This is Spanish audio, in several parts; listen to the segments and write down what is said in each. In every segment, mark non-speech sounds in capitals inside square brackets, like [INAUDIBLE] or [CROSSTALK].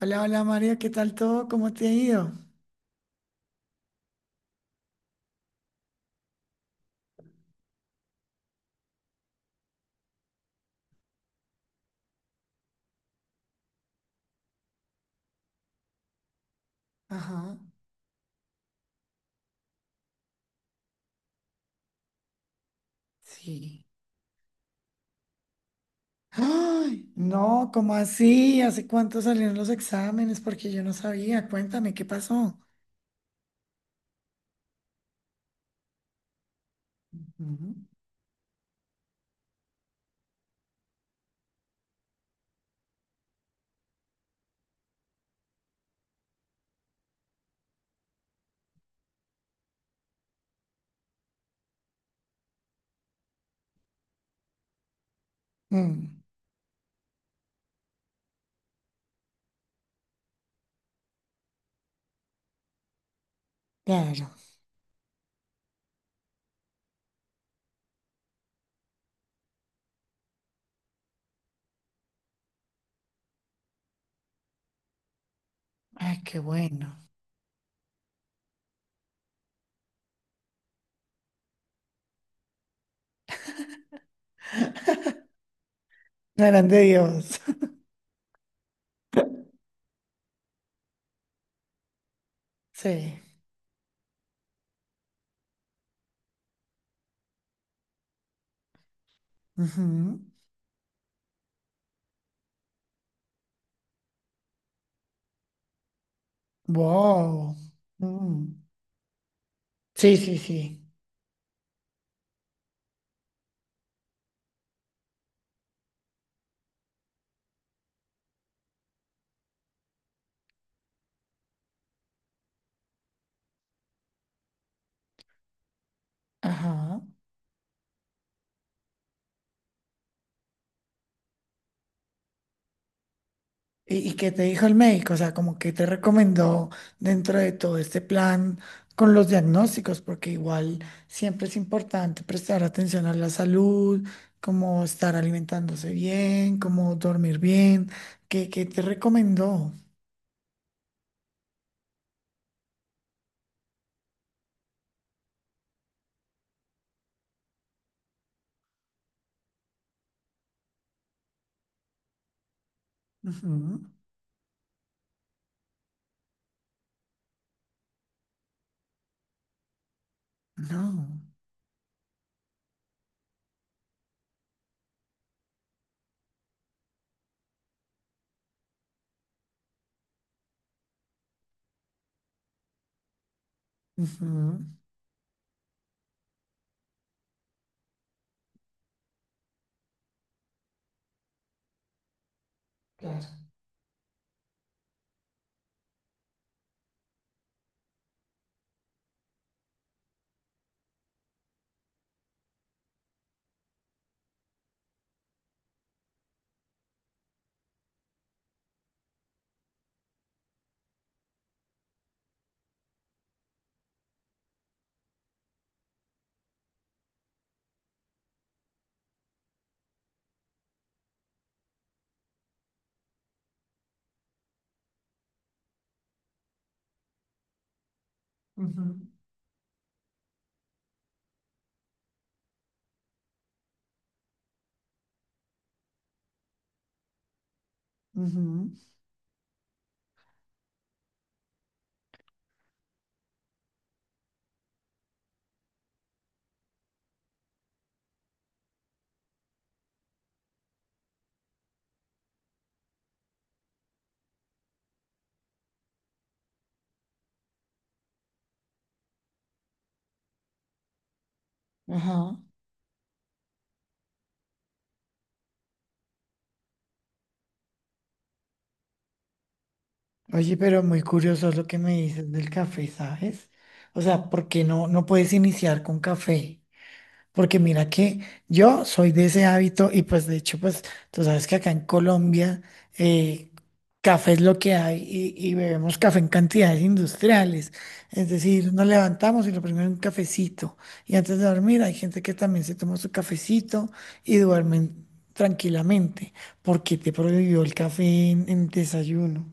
Hola, hola María, ¿qué tal todo? ¿Cómo te ha ido? Ajá, sí. Ay, no, ¿cómo así? ¿Hace cuánto salieron los exámenes? Porque yo no sabía. Cuéntame, ¿qué pasó? Ujú. Mm, claro. Ay, qué bueno. No eran de Dios. [LAUGHS] Sí. Ujú. Wow. Mm. Sí, sí, sí. Ajá. Y qué te dijo el médico? O sea, como que te recomendó dentro de todo este plan con los diagnósticos, porque igual siempre es importante prestar atención a la salud, como estar alimentándose bien, como dormir bien. ¿Qué, qué te recomendó? Ujú. No. Ujú. Claro. Ujú. Ujú. Ajá. Oye, pero muy curioso lo que me dices del café, ¿sabes? O sea, ¿por qué no, no puedes iniciar con café? Porque mira que yo soy de ese hábito y pues de hecho pues tú sabes que acá en Colombia eh, café es lo que hay y bebemos café en cantidades industriales. Es decir, nos levantamos y lo primero es un cafecito. Y antes de dormir hay gente que también se toma su cafecito y duermen tranquilamente. ¿Porque te prohibió el café en desayuno?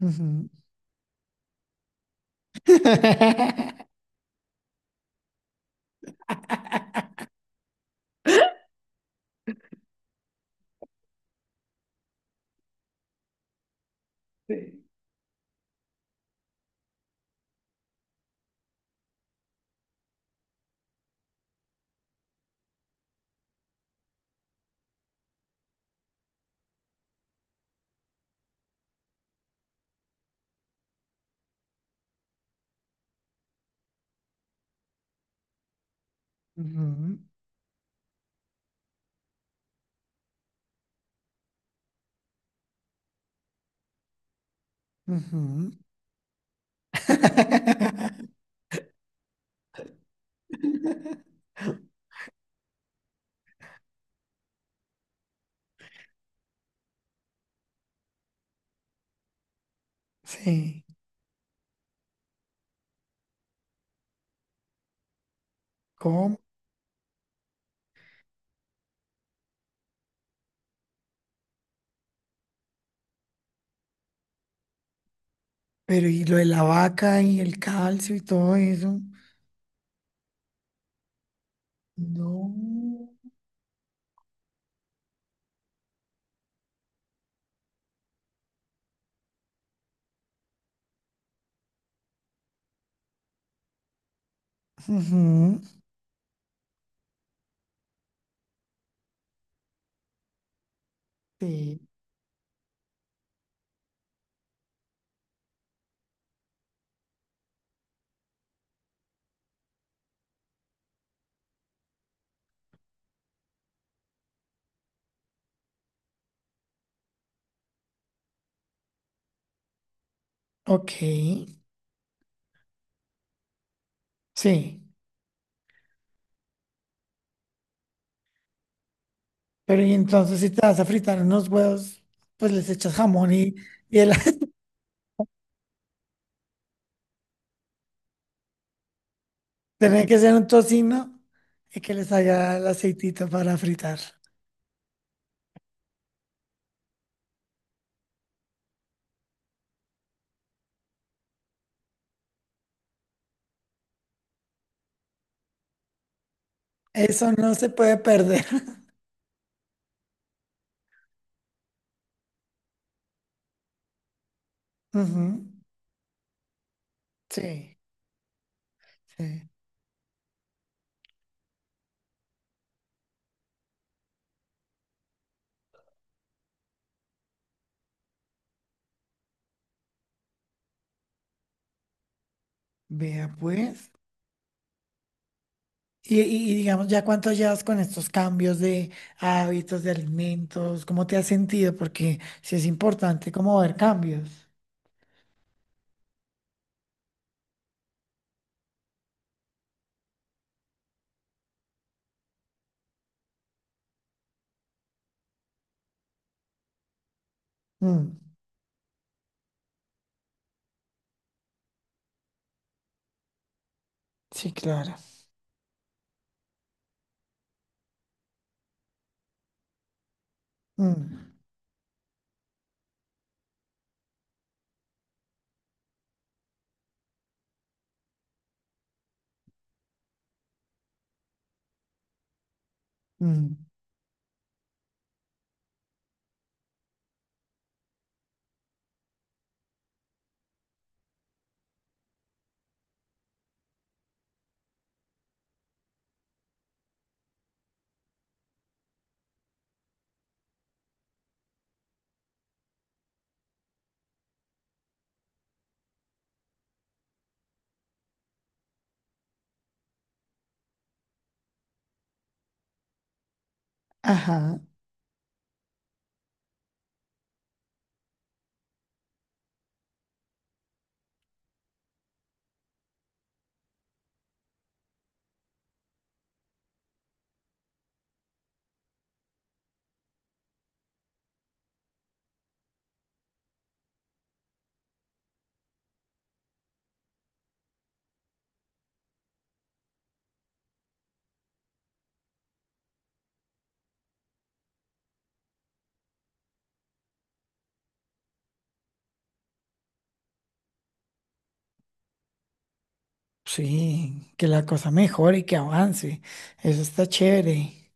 Ujú. [LAUGHS] Ujú, ujú. [LAUGHS] Sí, ¿cómo? Pero y lo de la vaca y el calcio y todo eso. No. Ujú. Sí. Ok. Sí. Pero y entonces si te vas a fritar unos huevos, pues les echas jamón y el, [LAUGHS] tiene que ser un tocino y que les haga el aceitito para fritar. Eso no se puede perder. [LAUGHS] Ujú. Sí. Sí. Vea pues. Y, y digamos, ¿ya cuánto llevas con estos cambios de hábitos, de alimentos? ¿Cómo te has sentido? Porque sí es importante como ver cambios. Mm, sí, claro. Mm, mm, ajá. Sí, que la cosa mejore y que avance. Eso está chévere.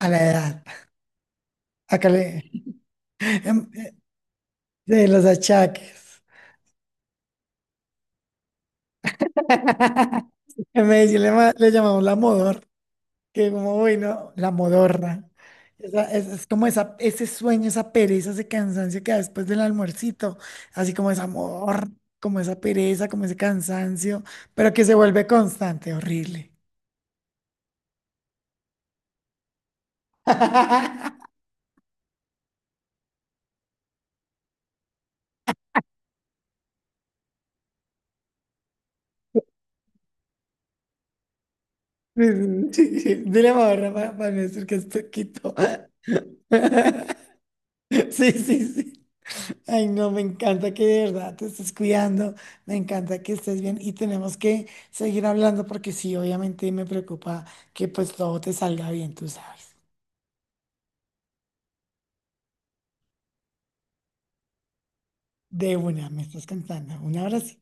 A la edad. Acá le... [LAUGHS] em, eh, De los achaques. [LAUGHS] En Medellín le, le llamamos la modorra. Que como bueno, la modorra. Es, es como esa, ese sueño, esa pereza, ese cansancio que da después del almuercito, así como esa amor, como esa pereza, como ese cansancio, pero que se vuelve constante, horrible. [LAUGHS] Sí, sí, sí, dile modorra para, no decir que es poquito. [LAUGHS] Sí, sí, sí. Ay, no, me encanta que de verdad te estés cuidando, me encanta que estés bien y tenemos que seguir hablando porque sí, obviamente me preocupa que pues todo te salga bien, tú sabes. De una, me estás cantando. Un abrazo.